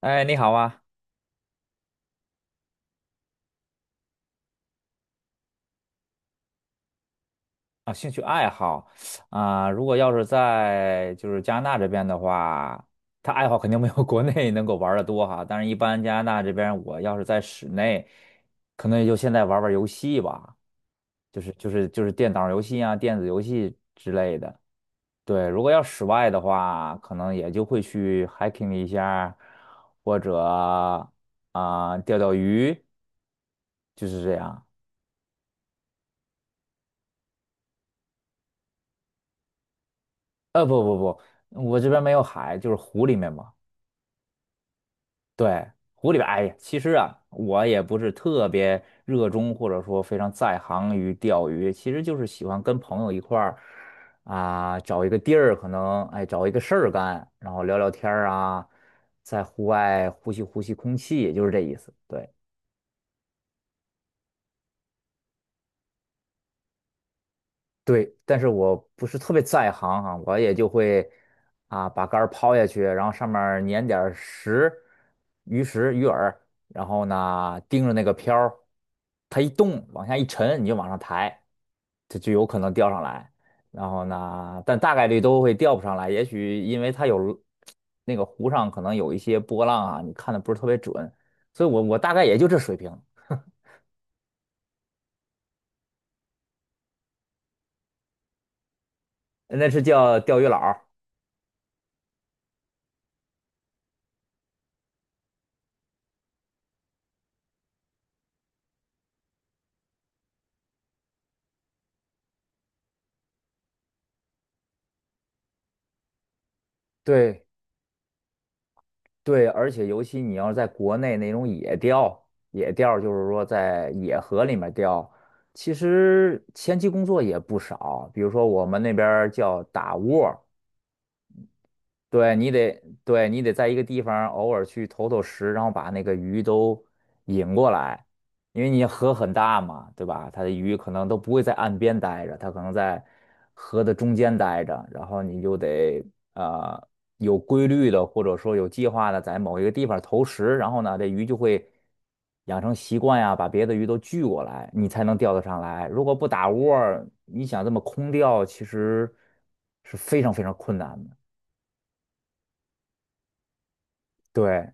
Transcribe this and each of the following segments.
哎，你好啊！啊，兴趣爱好啊，如果在加拿大这边的话，他爱好肯定没有国内能够玩的多哈。但是，一般加拿大这边，我要是在室内，可能也就现在玩玩游戏吧，就是电脑游戏啊、电子游戏之类的。对，如果要室外的话，可能也就会去 hiking 一下，或者啊、钓钓鱼，就是这样。不，我这边没有海，就是湖里面嘛。对，湖里边，哎呀，其实啊，我也不是特别热衷，或者说非常在行于钓鱼，其实就是喜欢跟朋友一块儿啊，找一个地儿，可能哎找一个事儿干，然后聊聊天儿啊，在户外呼吸呼吸空气，也就是这意思。对。对，但是我不是特别在行啊，我也就会啊把杆儿抛下去，然后上面儿粘点儿石、鱼食、鱼饵，然后呢盯着那个漂儿，它一动往下一沉，你就往上抬，它就有可能钓上来。然后呢，但大概率都会钓不上来，也许因为它有那个湖上可能有一些波浪啊，你看的不是特别准，所以我大概也就这水平，那是叫钓鱼佬儿。对。对，而且尤其你要是在国内那种野钓，野钓就是说在野河里面钓，其实前期工作也不少。比如说我们那边儿叫打窝，对你得，对你得在一个地方偶尔去投投食，然后把那个鱼都引过来，因为你河很大嘛，对吧？它的鱼可能都不会在岸边待着，它可能在河的中间待着，然后你就得呃有规律的或者说有计划的在某一个地方投食，然后呢，这鱼就会养成习惯呀，把别的鱼都聚过来，你才能钓得上来。如果不打窝儿你想这么空钓，其实是非常非常困难的。对，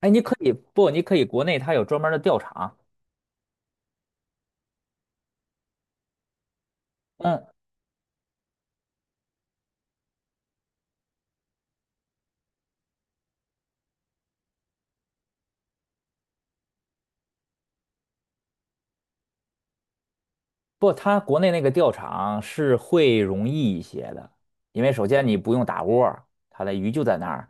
哎，你可以不？你可以国内它有专门儿的钓场，嗯，不，它国内那个钓场是会容易一些的，因为首先你不用打窝儿它的鱼就在那儿，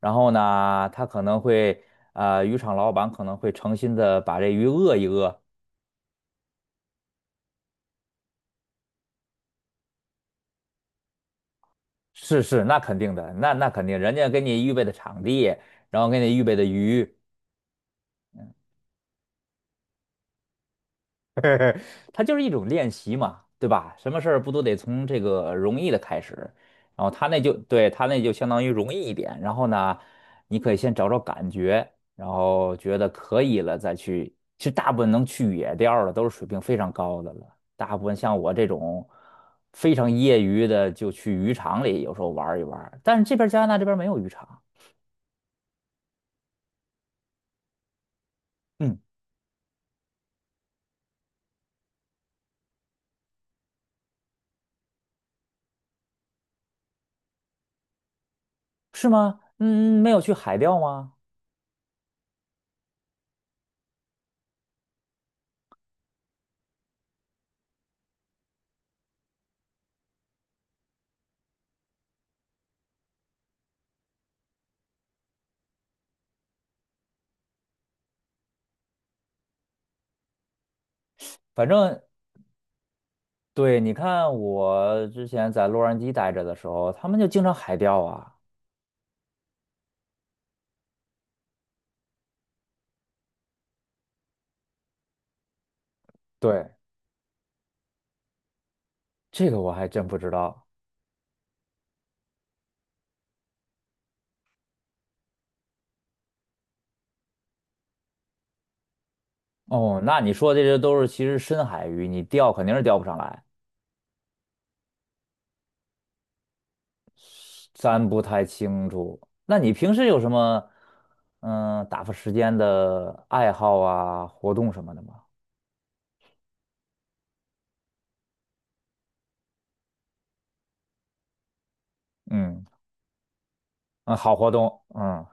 然后呢，它可能会渔场老板可能会诚心的把这鱼饿一饿，是是，那肯定的，那肯定，人家给你预备的场地，然后给你预备的鱼，它就是一种练习嘛，对吧？什么事儿不都得从这个容易的开始？然后他那就对他那就相当于容易一点，然后呢，你可以先找找感觉，然后觉得可以了再去。其实大部分能去野钓儿的都是水平非常高的了，大部分像我这种非常业余的，就去渔场里有时候玩儿一玩儿。但是这边儿加拿大这边儿没有渔场，嗯，是吗？嗯，没有去海钓吗？反正对，你看我之前在洛杉矶待着的时候，他们就经常海钓啊。对，这个我还真不知道。哦，那你说这些都是其实深海鱼，你钓肯定是钓不上来，咱不太清楚。那你平时有什么嗯打发时间的爱好啊、活动什么的吗？嗯嗯，好活动，嗯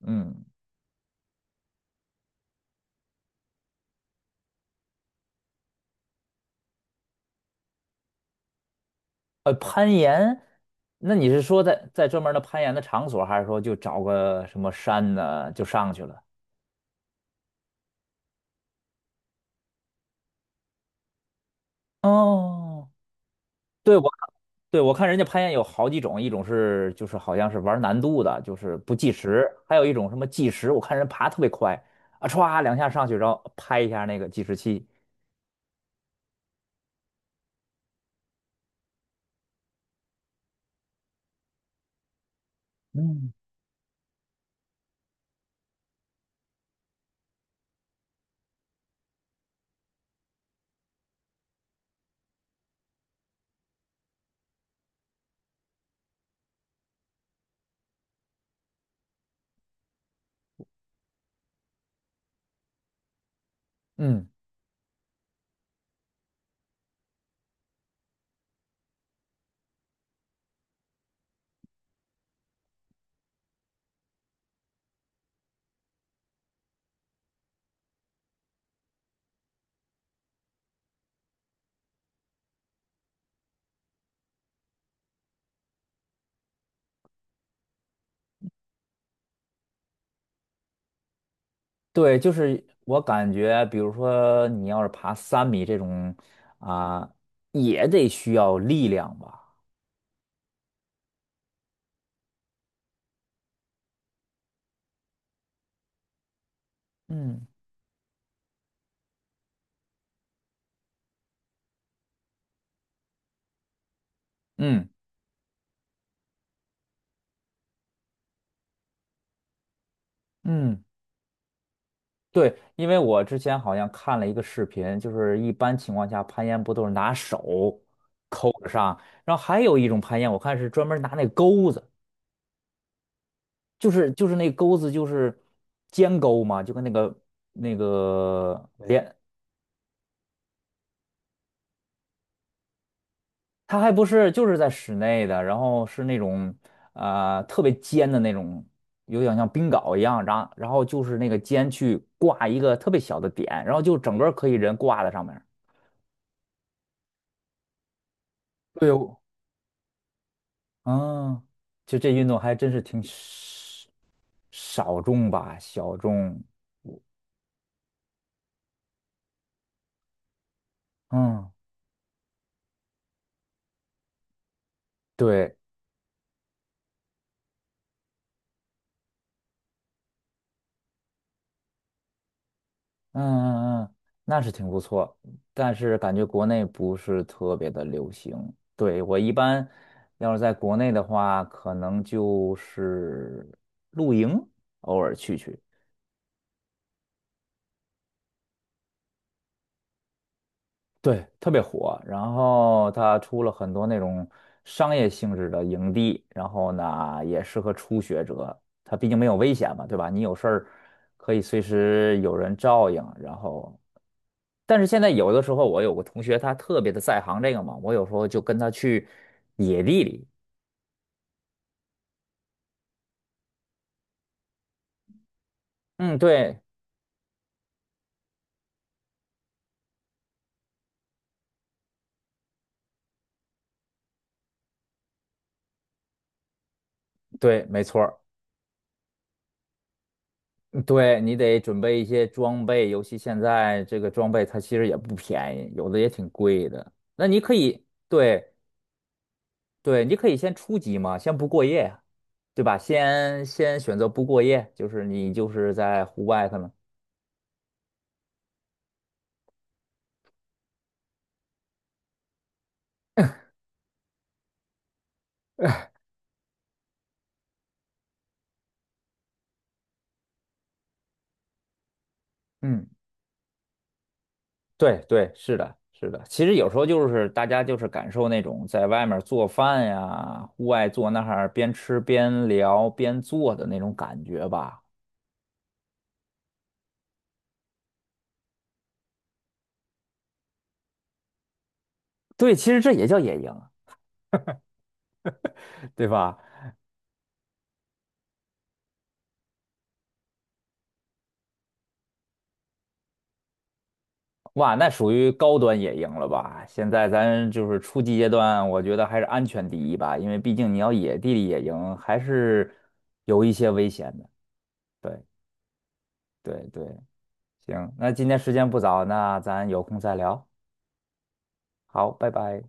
嗯，攀岩，那你是说在在专门的攀岩的场所，还是说就找个什么山呢就上去了？哦对我对我看人家攀岩有好几种，一种是就是好像是玩难度的，就是不计时，还有一种什么计时，我看人爬特别快啊，歘两下上去，然后拍一下那个计时器。嗯，嗯，对，就是我感觉，比如说你要是爬3米这种啊，也得需要力量吧。嗯嗯嗯。对，因为我之前好像看了一个视频，就是一般情况下攀岩不都是拿手抠着上，然后还有一种攀岩，我看是专门拿那钩子，就是那钩子就是尖钩嘛，就跟那个那个连，它还不是就是在室内的，然后是那种特别尖的那种，有点像冰镐一样，然后然后就是那个尖去挂一个特别小的点，然后就整个可以人挂在上面。对，啊，就这运动还真是挺少少众吧，小众。嗯，对，嗯嗯嗯，那是挺不错，但是感觉国内不是特别的流行。对，我一般要是在国内的话，可能就是露营，偶尔去去。对，特别火。然后它出了很多那种商业性质的营地，然后呢也适合初学者。它毕竟没有危险嘛，对吧？你有事儿可以随时有人照应。然后，但是现在有的时候，我有个同学他特别的在行这个嘛，我有时候就跟他去野地里。嗯，对对，没错儿嗯对你得准备一些装备，尤其现在这个装备它其实也不便宜，有的也挺贵的。那你可以。对，对，你可以先初级嘛，先不过夜，呀，对吧？先先选择不过夜，就是你就是在户外可能 嗯，对对，是的，是的。其实有时候就是大家就是感受那种在外面做饭呀，户外坐那儿边吃边聊边做的那种感觉吧。对，其实这也叫野营，对吧？哇，那属于高端野营了吧？现在咱就是初级阶段，我觉得还是安全第一吧，因为毕竟你要野地里野营，还是有一些危险的。对对对，行，那今天时间不早，那咱有空再聊。好，拜拜。